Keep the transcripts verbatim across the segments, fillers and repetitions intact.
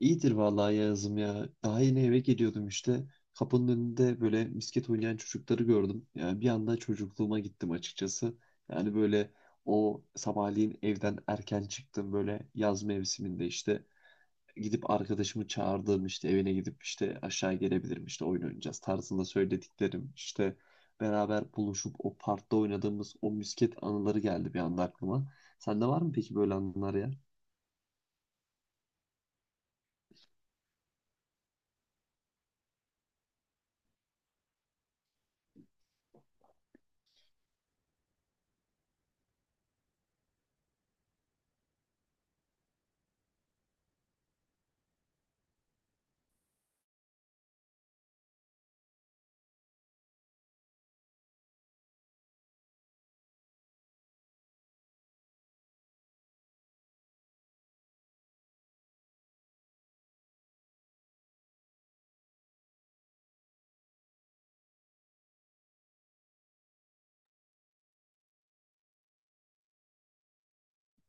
İyidir vallahi Yağız'ım ya. Daha yeni eve geliyordum işte. Kapının önünde böyle misket oynayan çocukları gördüm. Yani bir anda çocukluğuma gittim açıkçası. Yani böyle o sabahleyin evden erken çıktım böyle yaz mevsiminde işte. Gidip arkadaşımı çağırdığım işte evine gidip işte aşağı gelebilirim işte oyun oynayacağız tarzında söylediklerim. işte beraber buluşup o parkta oynadığımız o misket anıları geldi bir anda aklıma. Sende var mı peki böyle anılar ya?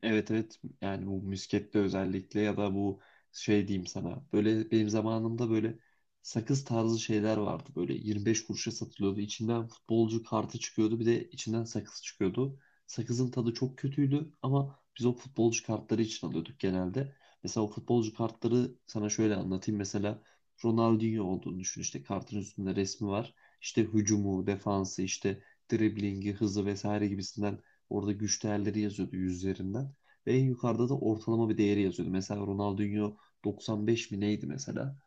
Evet evet, yani bu müskette özellikle ya da bu şey diyeyim sana, böyle benim zamanımda böyle sakız tarzı şeyler vardı, böyle yirmi beş kuruşa satılıyordu, içinden futbolcu kartı çıkıyordu, bir de içinden sakız çıkıyordu. Sakızın tadı çok kötüydü ama biz o futbolcu kartları için alıyorduk genelde. Mesela o futbolcu kartları sana şöyle anlatayım, mesela Ronaldinho olduğunu düşün, işte kartın üstünde resmi var, işte hücumu, defansı, işte driblingi, hızı vesaire gibisinden orada güç değerleri yazıyordu yüzlerinden ve en yukarıda da ortalama bir değeri yazıyordu. Mesela Ronaldinho doksan beş mi neydi mesela?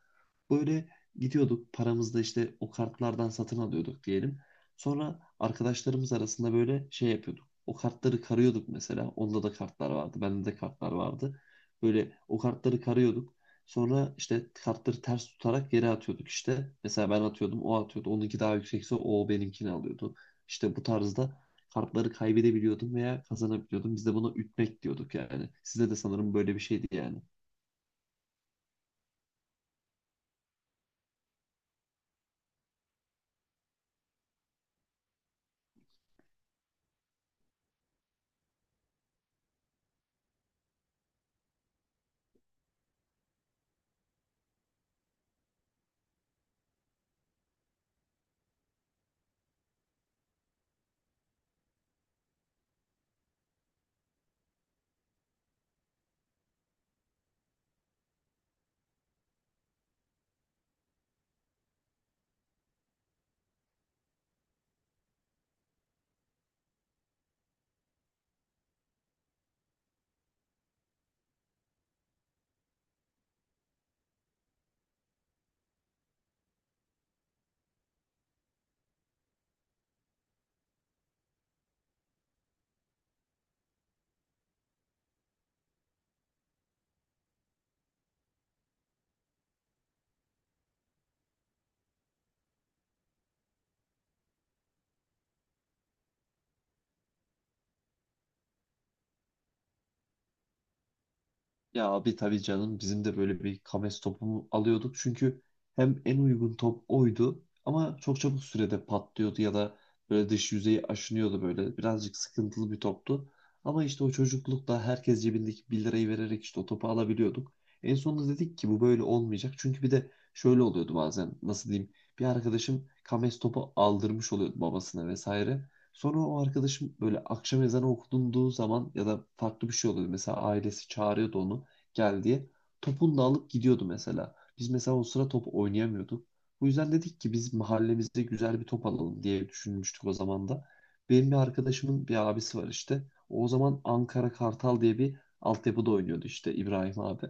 Böyle gidiyorduk paramızla işte, o kartlardan satın alıyorduk diyelim. Sonra arkadaşlarımız arasında böyle şey yapıyorduk. O kartları karıyorduk mesela. Onda da kartlar vardı, bende de kartlar vardı. Böyle o kartları karıyorduk. Sonra işte kartları ters tutarak geri atıyorduk işte. Mesela ben atıyordum, o atıyordu. Onunki daha yüksekse o benimkini alıyordu. İşte bu tarzda kartları kaybedebiliyordum veya kazanabiliyordum. Biz de buna ütmek diyorduk yani. Sizde de sanırım böyle bir şeydi yani. Ya abi tabii canım, bizim de böyle bir Kames topu alıyorduk. Çünkü hem en uygun top oydu ama çok çabuk sürede patlıyordu ya da böyle dış yüzeyi aşınıyordu böyle. Birazcık sıkıntılı bir toptu. Ama işte o çocuklukla herkes cebindeki bir lirayı vererek işte o topu alabiliyorduk. En sonunda dedik ki bu böyle olmayacak. Çünkü bir de şöyle oluyordu bazen, nasıl diyeyim. Bir arkadaşım Kames topu aldırmış oluyordu babasına vesaire. Sonra o arkadaşım böyle akşam ezanı okunduğu zaman ya da farklı bir şey oluyordu. Mesela ailesi çağırıyordu onu, gel diye. Topunu da alıp gidiyordu mesela. Biz mesela o sıra top oynayamıyorduk. Bu yüzden dedik ki biz mahallemizde güzel bir top alalım diye düşünmüştük o zaman da. Benim bir arkadaşımın bir abisi var işte. O zaman Ankara Kartal diye bir altyapıda oynuyordu işte İbrahim abi.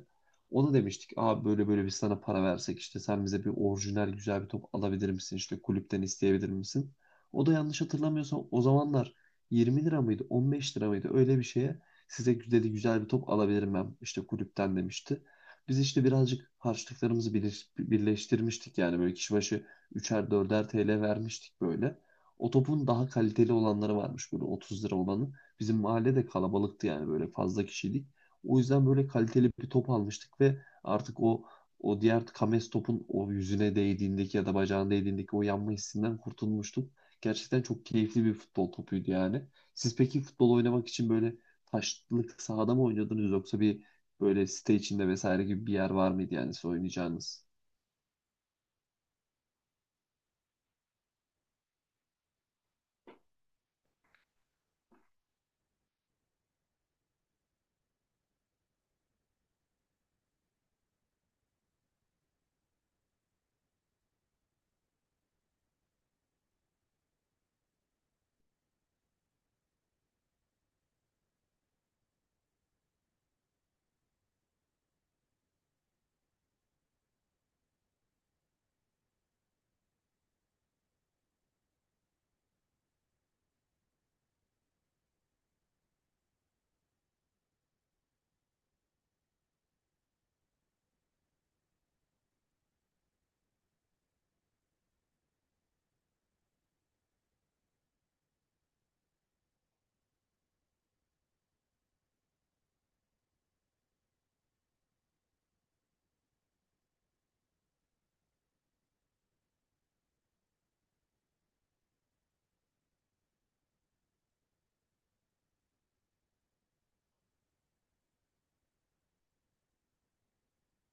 Ona demiştik abi, böyle böyle biz sana para versek, işte sen bize bir orijinal güzel bir top alabilir misin, işte kulüpten isteyebilir misin? O da yanlış hatırlamıyorsam o zamanlar yirmi lira mıydı on beş lira mıydı öyle bir şeye, size dedi güzel bir top alabilirim ben işte kulüpten demişti. Biz işte birazcık harçlıklarımızı birleş- birleştirmiştik yani, böyle kişi başı üçer dörder T L vermiştik böyle. O topun daha kaliteli olanları varmış, böyle otuz lira olanı. Bizim mahalle de kalabalıktı yani, böyle fazla kişiydik. O yüzden böyle kaliteli bir top almıştık ve artık o o diğer kames topun o yüzüne değdiğindeki ya da bacağına değdiğindeki o yanma hissinden kurtulmuştuk. Gerçekten çok keyifli bir futbol topuydu yani. Siz peki futbol oynamak için böyle taşlık sahada mı oynuyordunuz, yoksa bir böyle site içinde vesaire gibi bir yer var mıydı yani siz oynayacağınız?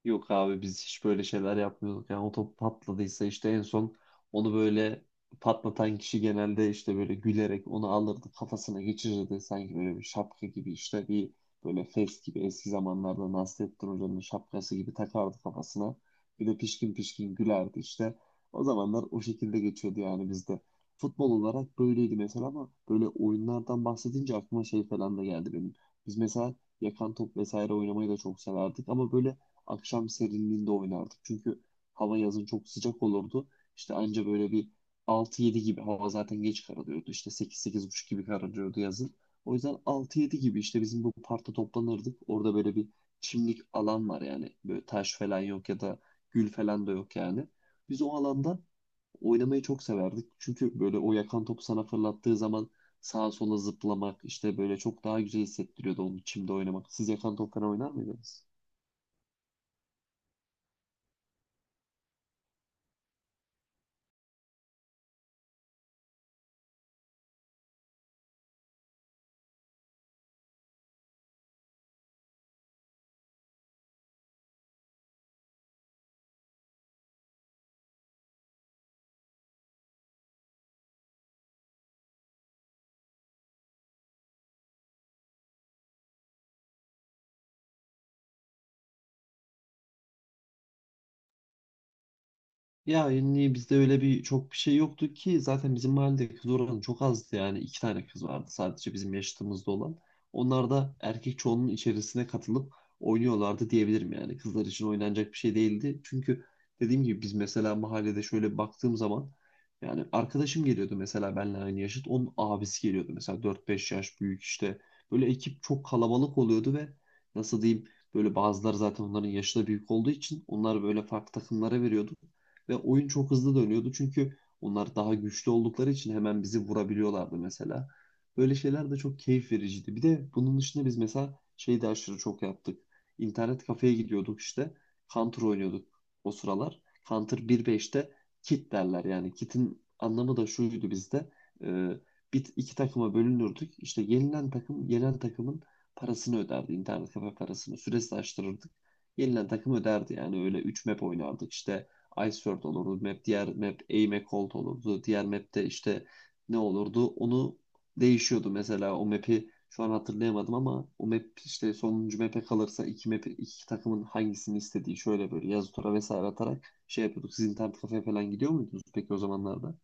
Yok abi, biz hiç böyle şeyler yapmıyorduk. Yani o top patladıysa işte en son onu böyle patlatan kişi genelde işte böyle gülerek onu alırdı, kafasına geçirirdi. Sanki böyle bir şapka gibi, işte bir böyle fes gibi, eski zamanlarda Nasrettin Hoca'nın şapkası gibi takardı kafasına. Bir de pişkin pişkin gülerdi işte. O zamanlar o şekilde geçiyordu yani bizde. Futbol olarak böyleydi mesela, ama böyle oyunlardan bahsedince aklıma şey falan da geldi benim. Biz mesela yakan top vesaire oynamayı da çok severdik ama böyle akşam serinliğinde oynardık. Çünkü hava yazın çok sıcak olurdu. İşte anca böyle bir altı yedi gibi, hava zaten geç kararıyordu. İşte sekiz sekiz buçuk gibi kararıyordu yazın. O yüzden altı yedi gibi işte bizim bu parkta toplanırdık. Orada böyle bir çimlik alan var yani. Böyle taş falan yok ya da gül falan da yok yani. Biz o alanda oynamayı çok severdik. Çünkü böyle o yakan topu sana fırlattığı zaman sağa sola zıplamak işte böyle çok daha güzel hissettiriyordu, onu çimde oynamak. Siz yakan top falan oynar mıydınız? Ya yani bizde öyle bir çok bir şey yoktu ki, zaten bizim mahallede kız oranı çok azdı, yani iki tane kız vardı sadece bizim yaşıtımızda olan. Onlar da erkek çoğunun içerisine katılıp oynuyorlardı diyebilirim, yani kızlar için oynanacak bir şey değildi. Çünkü dediğim gibi biz mesela mahallede şöyle baktığım zaman, yani arkadaşım geliyordu mesela benimle aynı yaşıt, onun abisi geliyordu mesela dört beş yaş büyük işte, böyle ekip çok kalabalık oluyordu ve nasıl diyeyim, böyle bazıları, zaten onların yaşı da büyük olduğu için, onlar böyle farklı takımlara veriyordu. Ve oyun çok hızlı dönüyordu çünkü onlar daha güçlü oldukları için hemen bizi vurabiliyorlardı mesela. Böyle şeyler de çok keyif vericiydi. Bir de bunun dışında biz mesela şey de aşırı çok yaptık. İnternet kafeye gidiyorduk işte. Counter oynuyorduk o sıralar. Counter bir beşte kit derler yani. Kit'in anlamı da şuydu bizde. Ee, Bir, iki takıma bölünürdük. İşte yenilen takım, yenen takımın parasını öderdi. İnternet kafe parasını. Süresi de açtırırdık. Yenilen takım öderdi. Yani öyle üç map oynardık işte. Iceworld olurdu. Map, diğer map Aim Cold olurdu. Diğer map'te işte ne olurdu? Onu değişiyordu mesela, o map'i şu an hatırlayamadım ama o map işte sonuncu map'e kalırsa iki map iki takımın hangisini istediği şöyle böyle yazı tura vesaire atarak şey yapıyorduk. Siz internet kafeye falan gidiyor muydunuz peki o zamanlarda?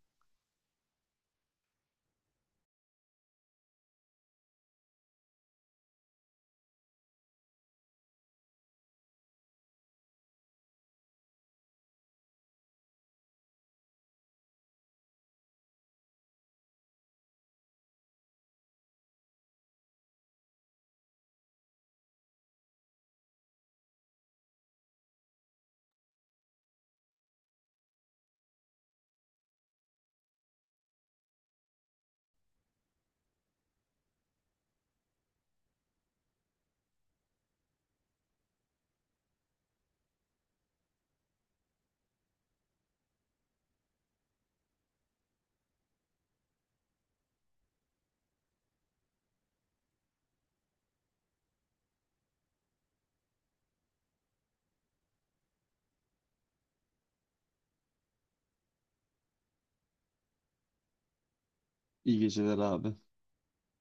İyi geceler abi.